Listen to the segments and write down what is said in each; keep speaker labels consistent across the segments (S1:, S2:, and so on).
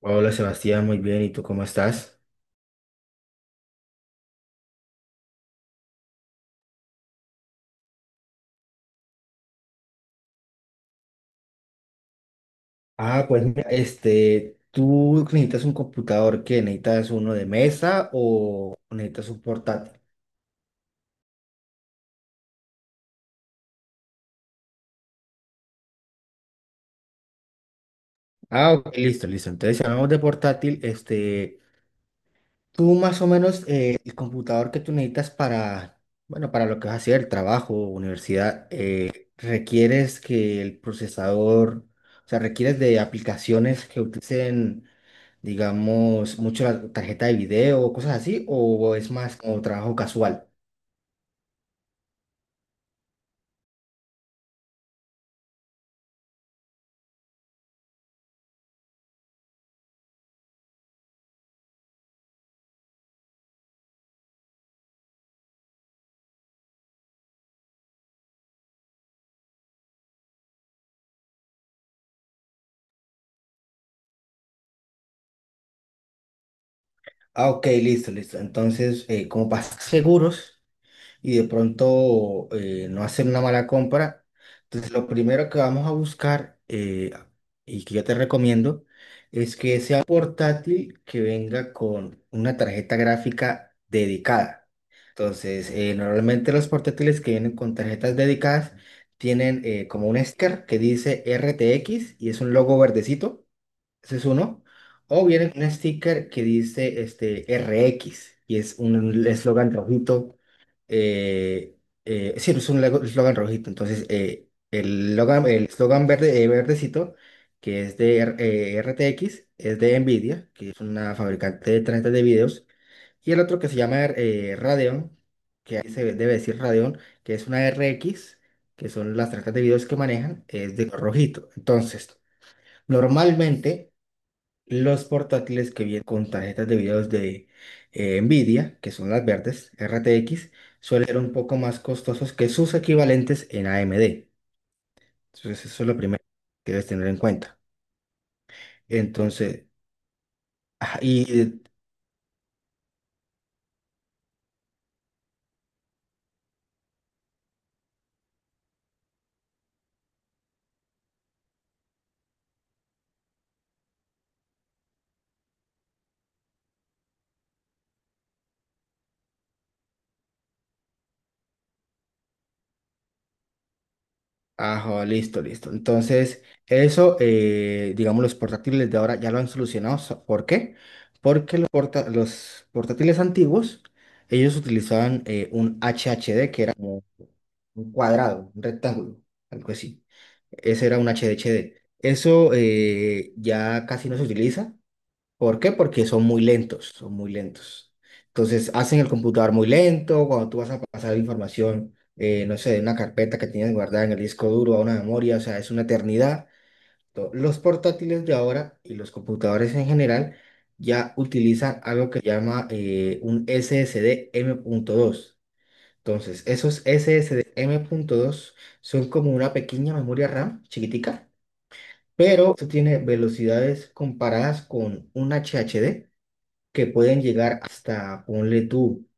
S1: Hola Sebastián, muy bien. ¿Y tú cómo estás? Ah, pues mira, este, ¿tú necesitas un computador que necesitas uno de mesa o necesitas un portátil? Ah, ok, listo, listo. Entonces, si hablamos de portátil, este, tú más o menos el computador que tú necesitas para, bueno, para lo que vas a hacer, trabajo, universidad, requieres que el procesador, o sea, requieres de aplicaciones que utilicen, digamos, mucho la tarjeta de video o cosas así, o es más como trabajo casual. Ah, ok, listo, listo. Entonces, como para estar seguros. Y de pronto no hacer una mala compra. Entonces, lo primero que vamos a buscar y que yo te recomiendo es que sea portátil que venga con una tarjeta gráfica dedicada. Entonces, normalmente los portátiles que vienen con tarjetas dedicadas tienen como un sticker que dice RTX y es un logo verdecito. Ese es uno. O viene un sticker que dice este R X y es un eslogan rojito. Eh, sí, es un eslogan rojito. Entonces, el el eslogan verde, verdecito, que es de R T X es de Nvidia, que es una fabricante de tarjetas de videos. Y el otro que se llama Radeon, que ahí se debe decir Radeon, que es una R X que son las tarjetas de videos que manejan, es de color rojito. Entonces, normalmente. Los portátiles que vienen con tarjetas de videos de Nvidia, que son las verdes, RTX, suelen ser un poco más costosos que sus equivalentes en AMD. Entonces, eso es lo primero que debes tener en cuenta. Entonces, ah, y. Ajá, listo, listo. Entonces, eso, digamos, los portátiles de ahora ya lo han solucionado. ¿Por qué? Porque los portátiles antiguos, ellos utilizaban un HHD, que era como un cuadrado, un rectángulo, algo así. Ese era un HDHD. Eso ya casi no se utiliza. ¿Por qué? Porque son muy lentos, son muy lentos. Entonces, hacen el computador muy lento, cuando tú vas a pasar información, no sé, de una carpeta que tienes guardada en el disco duro a una memoria, o sea, es una eternidad. Los portátiles de ahora y los computadores en general ya utilizan algo que se llama un SSD dos. Entonces, esos SSD dos son como una pequeña memoria RAM chiquitica, pero esto tiene velocidades comparadas con un HDD que pueden llegar hasta, ponle tú,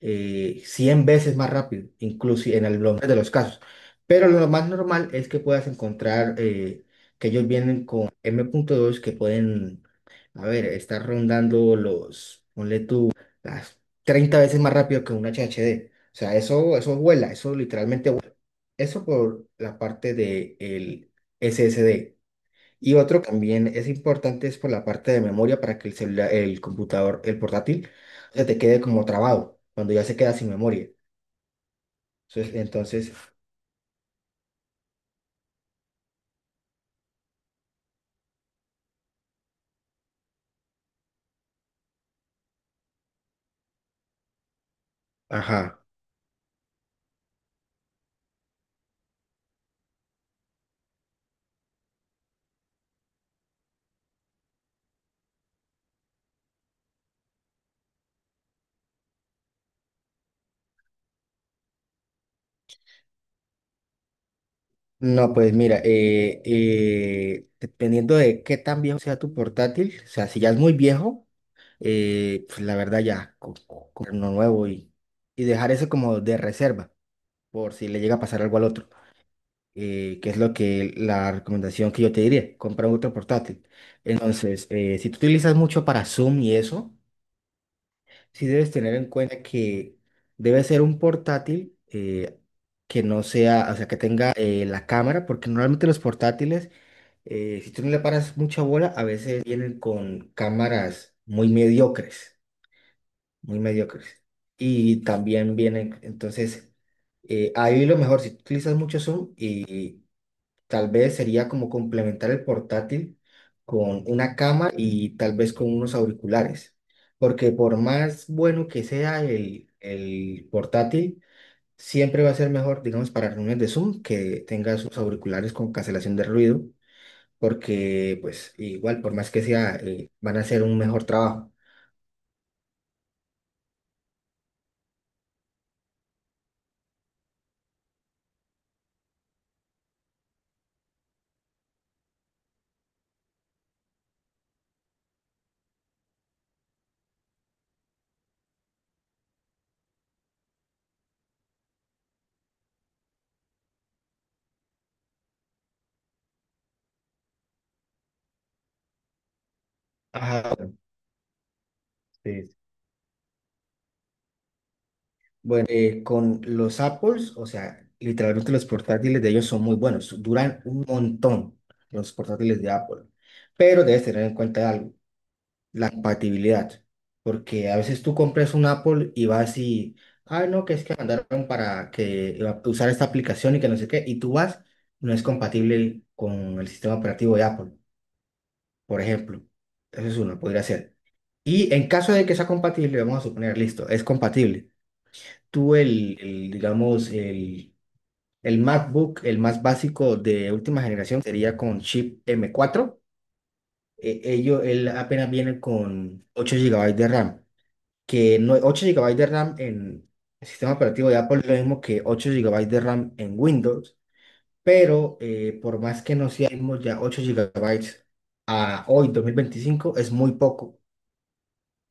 S1: 100 veces más rápido, inclusive en algunos de los casos. Pero lo más normal es que puedas encontrar que ellos vienen con M.2 que pueden, a ver, estar rondando los, ponle tú, las 30 veces más rápido que un H H D. O sea, eso vuela, eso literalmente vuela. Eso por la parte del S S D. Y otro también es importante es por la parte de memoria para que el celular, el computador, el portátil, se te quede como trabado cuando ya se queda sin memoria. Entonces, ajá. No, pues mira, dependiendo de qué tan viejo sea tu portátil, o sea, si ya es muy viejo, pues la verdad ya comprar uno nuevo y dejar eso como de reserva por si le llega a pasar algo al otro. Que es lo que la recomendación que yo te diría, compra otro portátil. Entonces, si tú utilizas mucho para Zoom y eso, sí debes tener en cuenta que debe ser un portátil que no sea, o sea, que tenga la cámara, porque normalmente los portátiles, si tú no le paras mucha bola, a veces vienen con cámaras muy mediocres, muy mediocres. Y también vienen, entonces, ahí lo mejor, si tú utilizas mucho Zoom y tal vez sería como complementar el portátil con una cama y tal vez con unos auriculares, porque por más bueno que sea el portátil, siempre va a ser mejor, digamos, para reuniones de Zoom que tenga sus auriculares con cancelación de ruido, porque pues igual, por más que sea, van a hacer un mejor trabajo. Ajá. Sí, bueno, con los Apples, o sea, literalmente los portátiles de ellos son muy buenos, duran un montón los portátiles de Apple, pero debes tener en cuenta algo, la compatibilidad, porque a veces tú compras un Apple y vas y, ah, no, que es que mandaron para que iba a usar esta aplicación y que no sé qué, y tú vas, no es compatible con el sistema operativo de Apple, por ejemplo, eso es uno, podría ser. Y en caso de que sea compatible, vamos a suponer, listo, es compatible tú digamos, el MacBook, el más básico de última generación, sería con chip M4. Él apenas viene con 8 GB de RAM, que no, 8 GB de RAM en el sistema operativo de Apple es lo mismo que 8 GB de RAM en Windows, pero por más que no seamos ya 8 GB a hoy, 2025 es muy poco.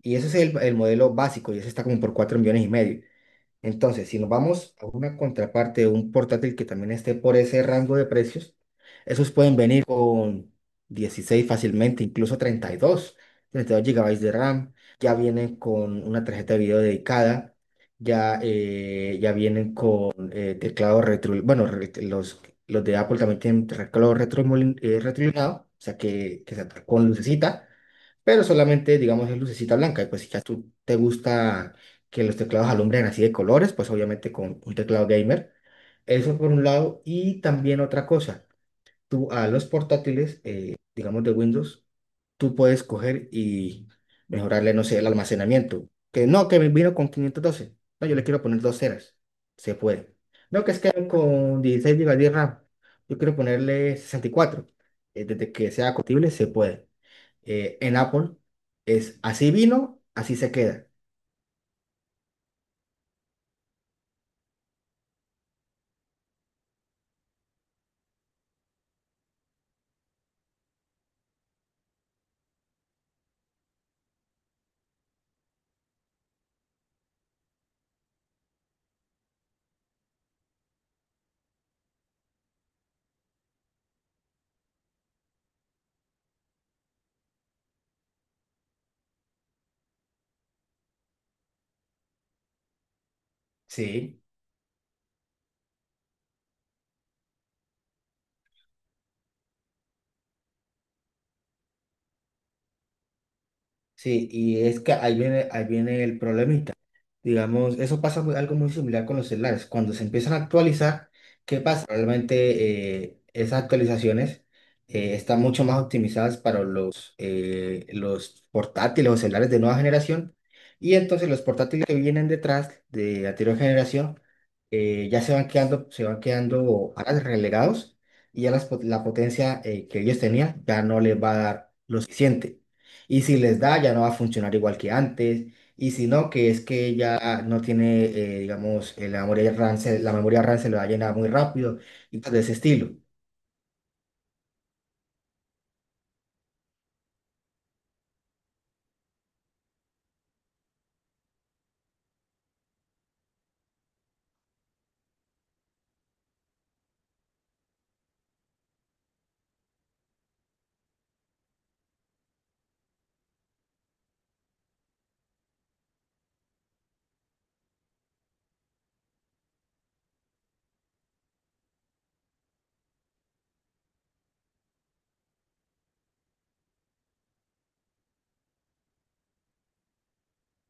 S1: Y ese es el modelo básico y ese está como por 4,5 millones. Entonces, si nos vamos a una contraparte de un portátil que también esté por ese rango de precios, esos pueden venir con 16 fácilmente, incluso 32 GB de RAM, ya vienen con una tarjeta de video dedicada, ya, ya vienen con teclado retro, bueno, los de Apple también tienen teclado retro retroiluminado, o sea que se con lucecita pero solamente, digamos, es lucecita blanca. Y pues si ya tú te gusta que los teclados alumbren así de colores, pues obviamente con un teclado gamer. Eso por un lado. Y también otra cosa, tú a los portátiles, digamos de Windows, tú puedes coger y mejorarle, no sé, el almacenamiento. Que no, que me vino con 512, no, yo le quiero poner 2 teras. Se puede. No, que es que con 16 gigas de RAM. Yo quiero ponerle 64. Desde que sea compatible, se puede. En Apple es así vino, así se queda. Sí. Sí, y es que ahí viene el problema. Digamos, eso pasa algo muy similar con los celulares. Cuando se empiezan a actualizar, ¿qué pasa? Realmente esas actualizaciones están mucho más optimizadas para los portátiles o celulares de nueva generación. Y entonces los portátiles que vienen detrás de anterior generación ya se van quedando atrás, relegados y ya las la potencia que ellos tenían ya no les va a dar lo suficiente. Y si les da, ya no va a funcionar igual que antes y si no, que es que ella no tiene, digamos, la memoria RAM, la memoria RAM se le va a llenar muy rápido y cosas de ese estilo.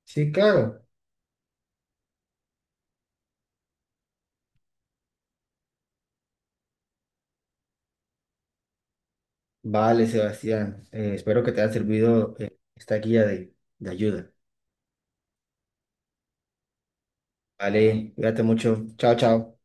S1: Sí, claro. Vale, Sebastián. Espero que te haya servido, esta guía de ayuda. Vale, cuídate mucho. Chao, chao.